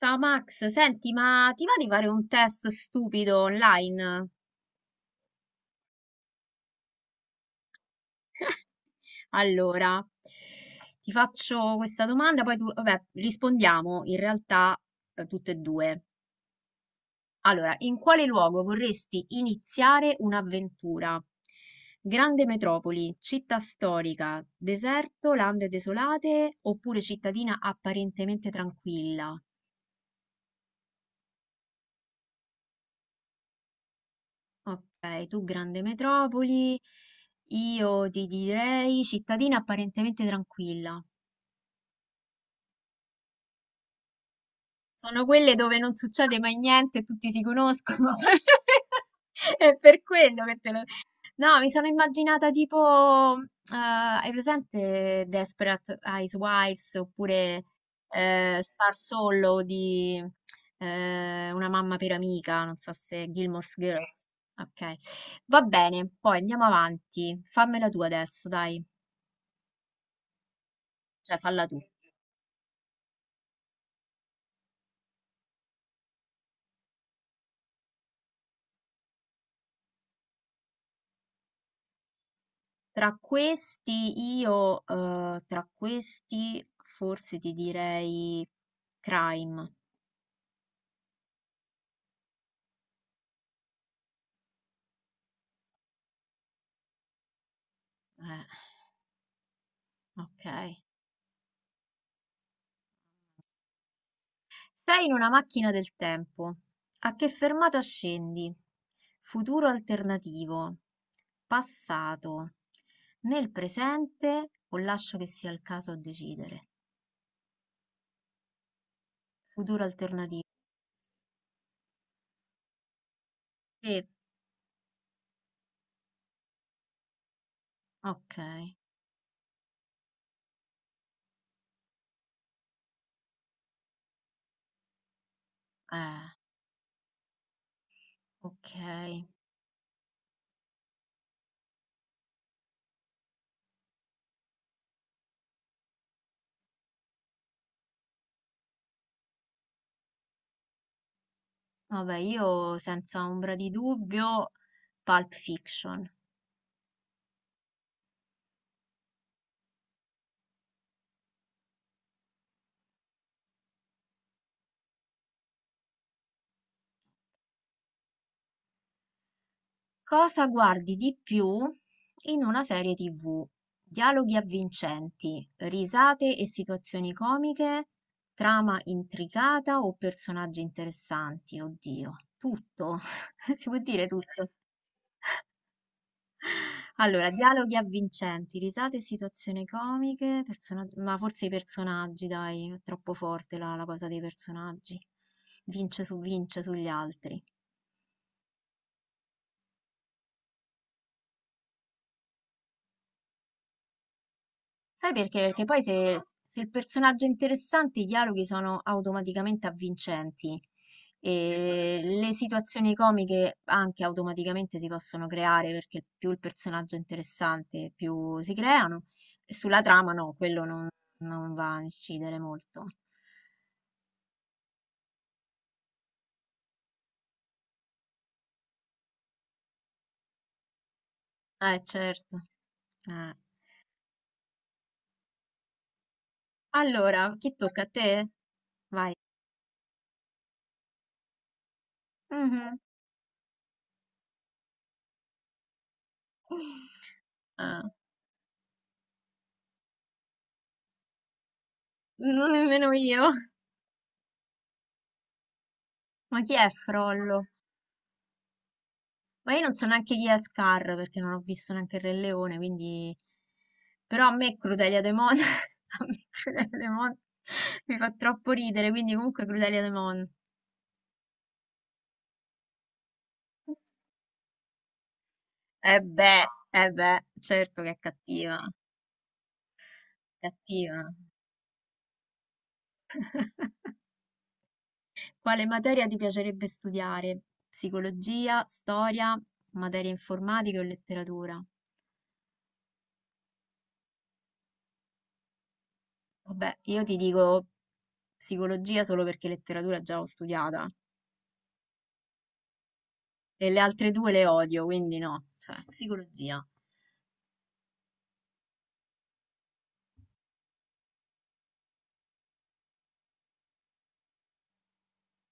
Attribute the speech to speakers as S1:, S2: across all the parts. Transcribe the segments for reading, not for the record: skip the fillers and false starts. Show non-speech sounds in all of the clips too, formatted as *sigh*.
S1: Ciao Max, senti, ma ti va di fare un test stupido online? Allora, ti faccio questa domanda, poi tu, vabbè, rispondiamo in realtà tutte e due. Allora, in quale luogo vorresti iniziare un'avventura? Grande metropoli, città storica, deserto, lande desolate oppure cittadina apparentemente tranquilla? Ok, tu grande metropoli, io ti direi cittadina apparentemente tranquilla. Sono quelle dove non succede mai niente, e tutti si conoscono. *laughs* È per quello che te lo... No, mi sono immaginata tipo, hai presente Desperate Housewives oppure Star Solo di Una mamma per amica, non so se Gilmore's Girls. Ok, va bene, poi andiamo avanti. Fammela tu adesso, dai, cioè falla tu. Tra questi io, tra questi forse ti direi Crime. Eh, ok. Sei in una macchina del tempo. A che fermata scendi? Futuro alternativo. Passato. Nel presente o lascio che sia il caso a decidere? Futuro alternativo. Sì. Ok. Eh, ok. Vabbè, io senza ombra di dubbio, Pulp Fiction. Cosa guardi di più in una serie TV? Dialoghi avvincenti, risate e situazioni comiche, trama intricata o personaggi interessanti? Oddio, tutto, *laughs* si può dire tutto. Allora, dialoghi avvincenti, risate e situazioni comiche, persona- ma forse i personaggi, dai, è troppo forte la cosa dei personaggi. Vince su vince sugli altri. Sai perché? Perché poi se il personaggio è interessante, i dialoghi sono automaticamente avvincenti e le situazioni comiche anche automaticamente si possono creare perché più il personaggio è interessante, più si creano. E sulla trama no, quello non, non va a incidere molto. Certo. Eh. Allora, chi tocca a te? Vai. Mhm. Ah, non nemmeno io. Ma chi è Frollo? Ma io non so neanche chi è Scar perché non ho visto neanche il Re Leone, quindi... Però a me Crudelia De Mon, *laughs* a me Crudelia De Mon *laughs* mi fa troppo ridere, quindi comunque Crudelia De Mon. Eh beh, eh beh, certo che è cattiva, cattiva. Quale materia ti piacerebbe studiare? Psicologia, storia, materie informatiche o letteratura? Vabbè, io ti dico psicologia solo perché letteratura già l'ho studiata. E le altre due le odio, quindi no. Cioè, psicologia.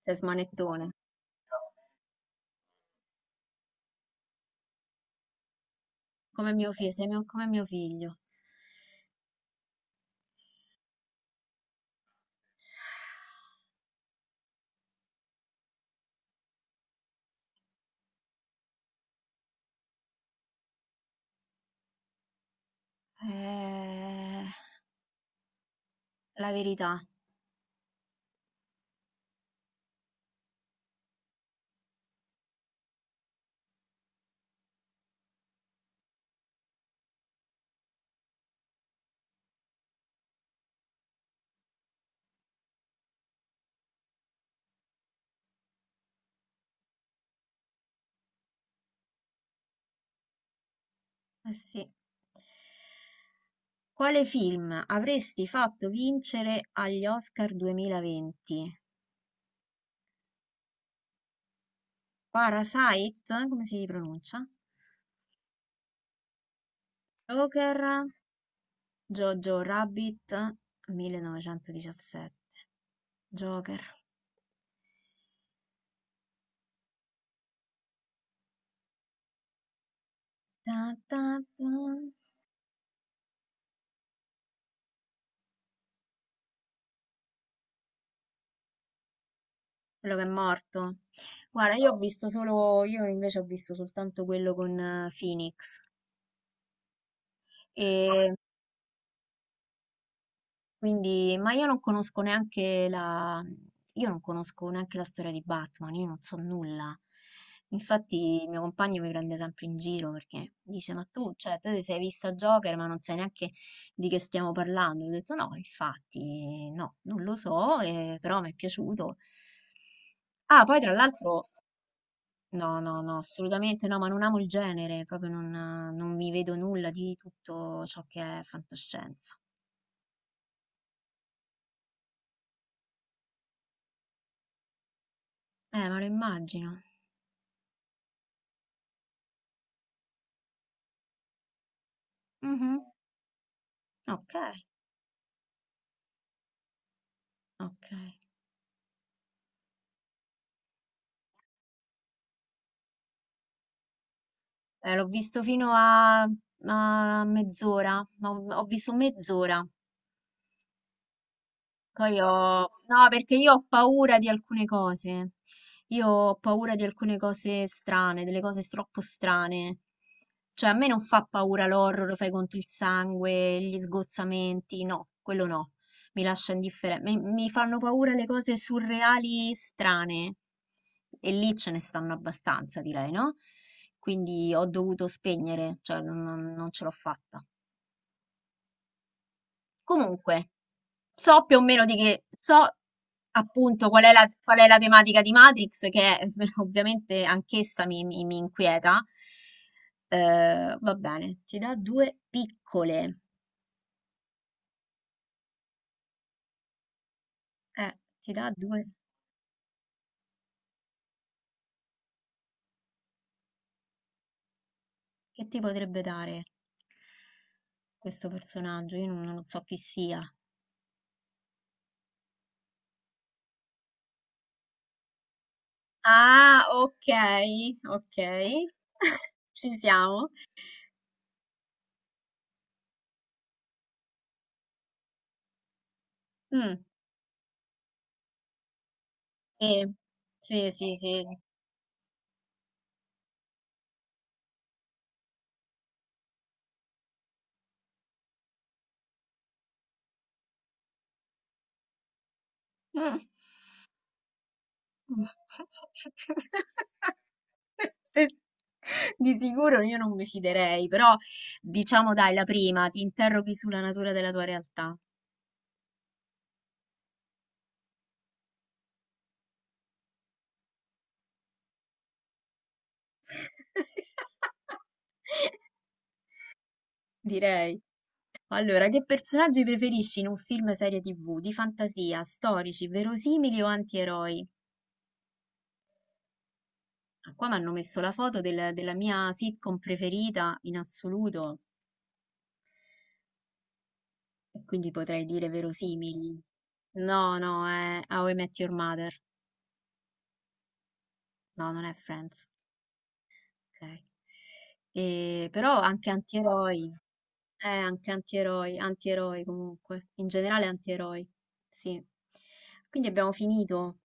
S1: Sei smanettone. Come mio figlio, sei mio- come mio figlio. Eh, la verità. Eh sì. Quale film avresti fatto vincere agli Oscar 2020? Parasite, come si pronuncia? Joker, Jojo Rabbit, 1917. Joker. Ta ta ta. Quello che è morto. Guarda, io invece ho visto soltanto quello con Phoenix. E quindi, ma io non conosco neanche la storia di Batman, io non so nulla. Infatti, il mio compagno mi prende sempre in giro perché dice: Ma tu, cioè, te ti sei vista Joker, ma non sai neanche di che stiamo parlando. Io Ho detto: No, infatti, no, non lo so, però mi è piaciuto. Ah, poi tra l'altro. No, no, no, assolutamente no, ma non amo il genere, proprio non, non mi vedo nulla di tutto ciò che è fantascienza. Ma lo immagino. Mhm. Ok, ok. L'ho visto fino a mezz'ora, ma ho visto mezz'ora. Poi ho... No, perché io ho paura di alcune cose. Io ho paura di alcune cose strane, delle cose troppo strane. Cioè a me non fa paura l'horror, lo fai conto il sangue, gli sgozzamenti, no, quello no, mi lascia indifferente. Mi fanno paura le cose surreali, strane, e lì ce ne stanno abbastanza, direi, no? Quindi ho dovuto spegnere, cioè non- non ce l'ho fatta. Comunque, so più o meno di che, so appunto qual è la tematica di Matrix, che è- *laughs* ovviamente anch'essa mi inquieta. Va bene, ti dà due piccole. Ti dà due... Che ti potrebbe dare questo personaggio? Io non so chi sia. Ah, ok, ok. *laughs* Ci siamo. Mm, sì, sì, sì, sì. Mm. *laughs* Di sicuro io non mi fiderei, però diciamo dai, la prima, ti interroghi sulla natura della tua realtà. *laughs* Direi. Allora, che personaggi preferisci in un film serie TV? Di fantasia, storici, verosimili o antieroi? Ah, qua mi hanno messo la foto del- della mia sitcom preferita in assoluto, e quindi potrei dire verosimili. No, no, è How I Met Your Mother. No, non è Friends. Ok. E- però anche antieroi. Anche antieroi, antieroi comunque. In generale antieroi. Sì. Quindi abbiamo finito.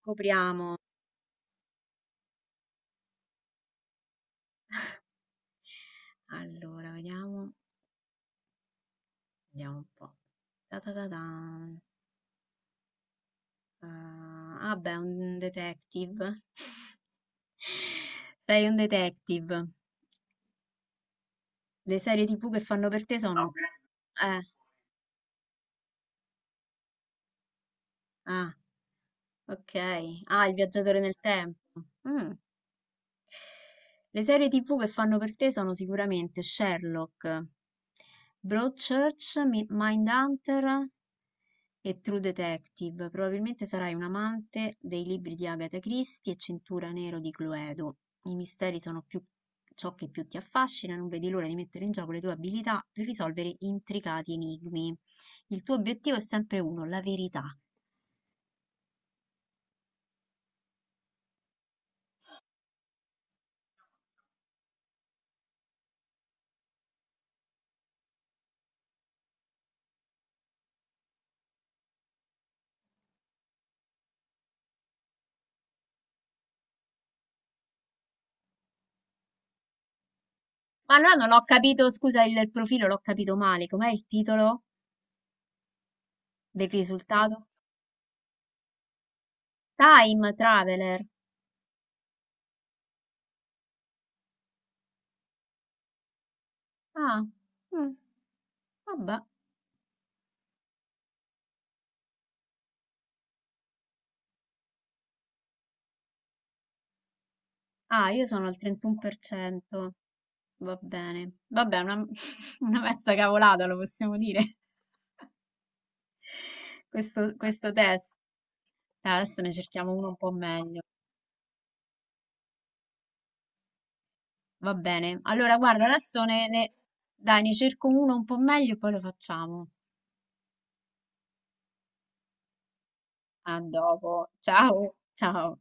S1: Copriamo. Allora, vediamo. Vediamo un po'. Ta ta ta tan. Ah, ah, beh, un detective. *laughs* Sei un detective. Le serie TV che fanno per te sono... Eh, ah, ok. Ah, il viaggiatore nel tempo. Mm. Le serie TV che fanno per te sono sicuramente Sherlock, Broadchurch, Mi- Mindhunter, e True Detective. Probabilmente sarai un amante dei libri di Agatha Christie e Cintura Nero di Cluedo. I misteri sono più ciò che più ti affascina, non vedi l'ora di mettere in gioco le tue abilità per risolvere intricati enigmi. Il tuo obiettivo è sempre uno, la verità. Ma allora non ho capito, scusa, il profilo l'ho capito male. Com'è il titolo del risultato? Time Traveler. Ah, mm, vabbè. Ah, io sono al 31%. Va bene, vabbè, una, *laughs* una mezza cavolata lo possiamo dire, *laughs* questo test. Dai, adesso ne cerchiamo uno un po' meglio, va bene. Allora, guarda, adesso dai, ne cerco uno un po' meglio e poi lo facciamo. A dopo, ciao, ciao.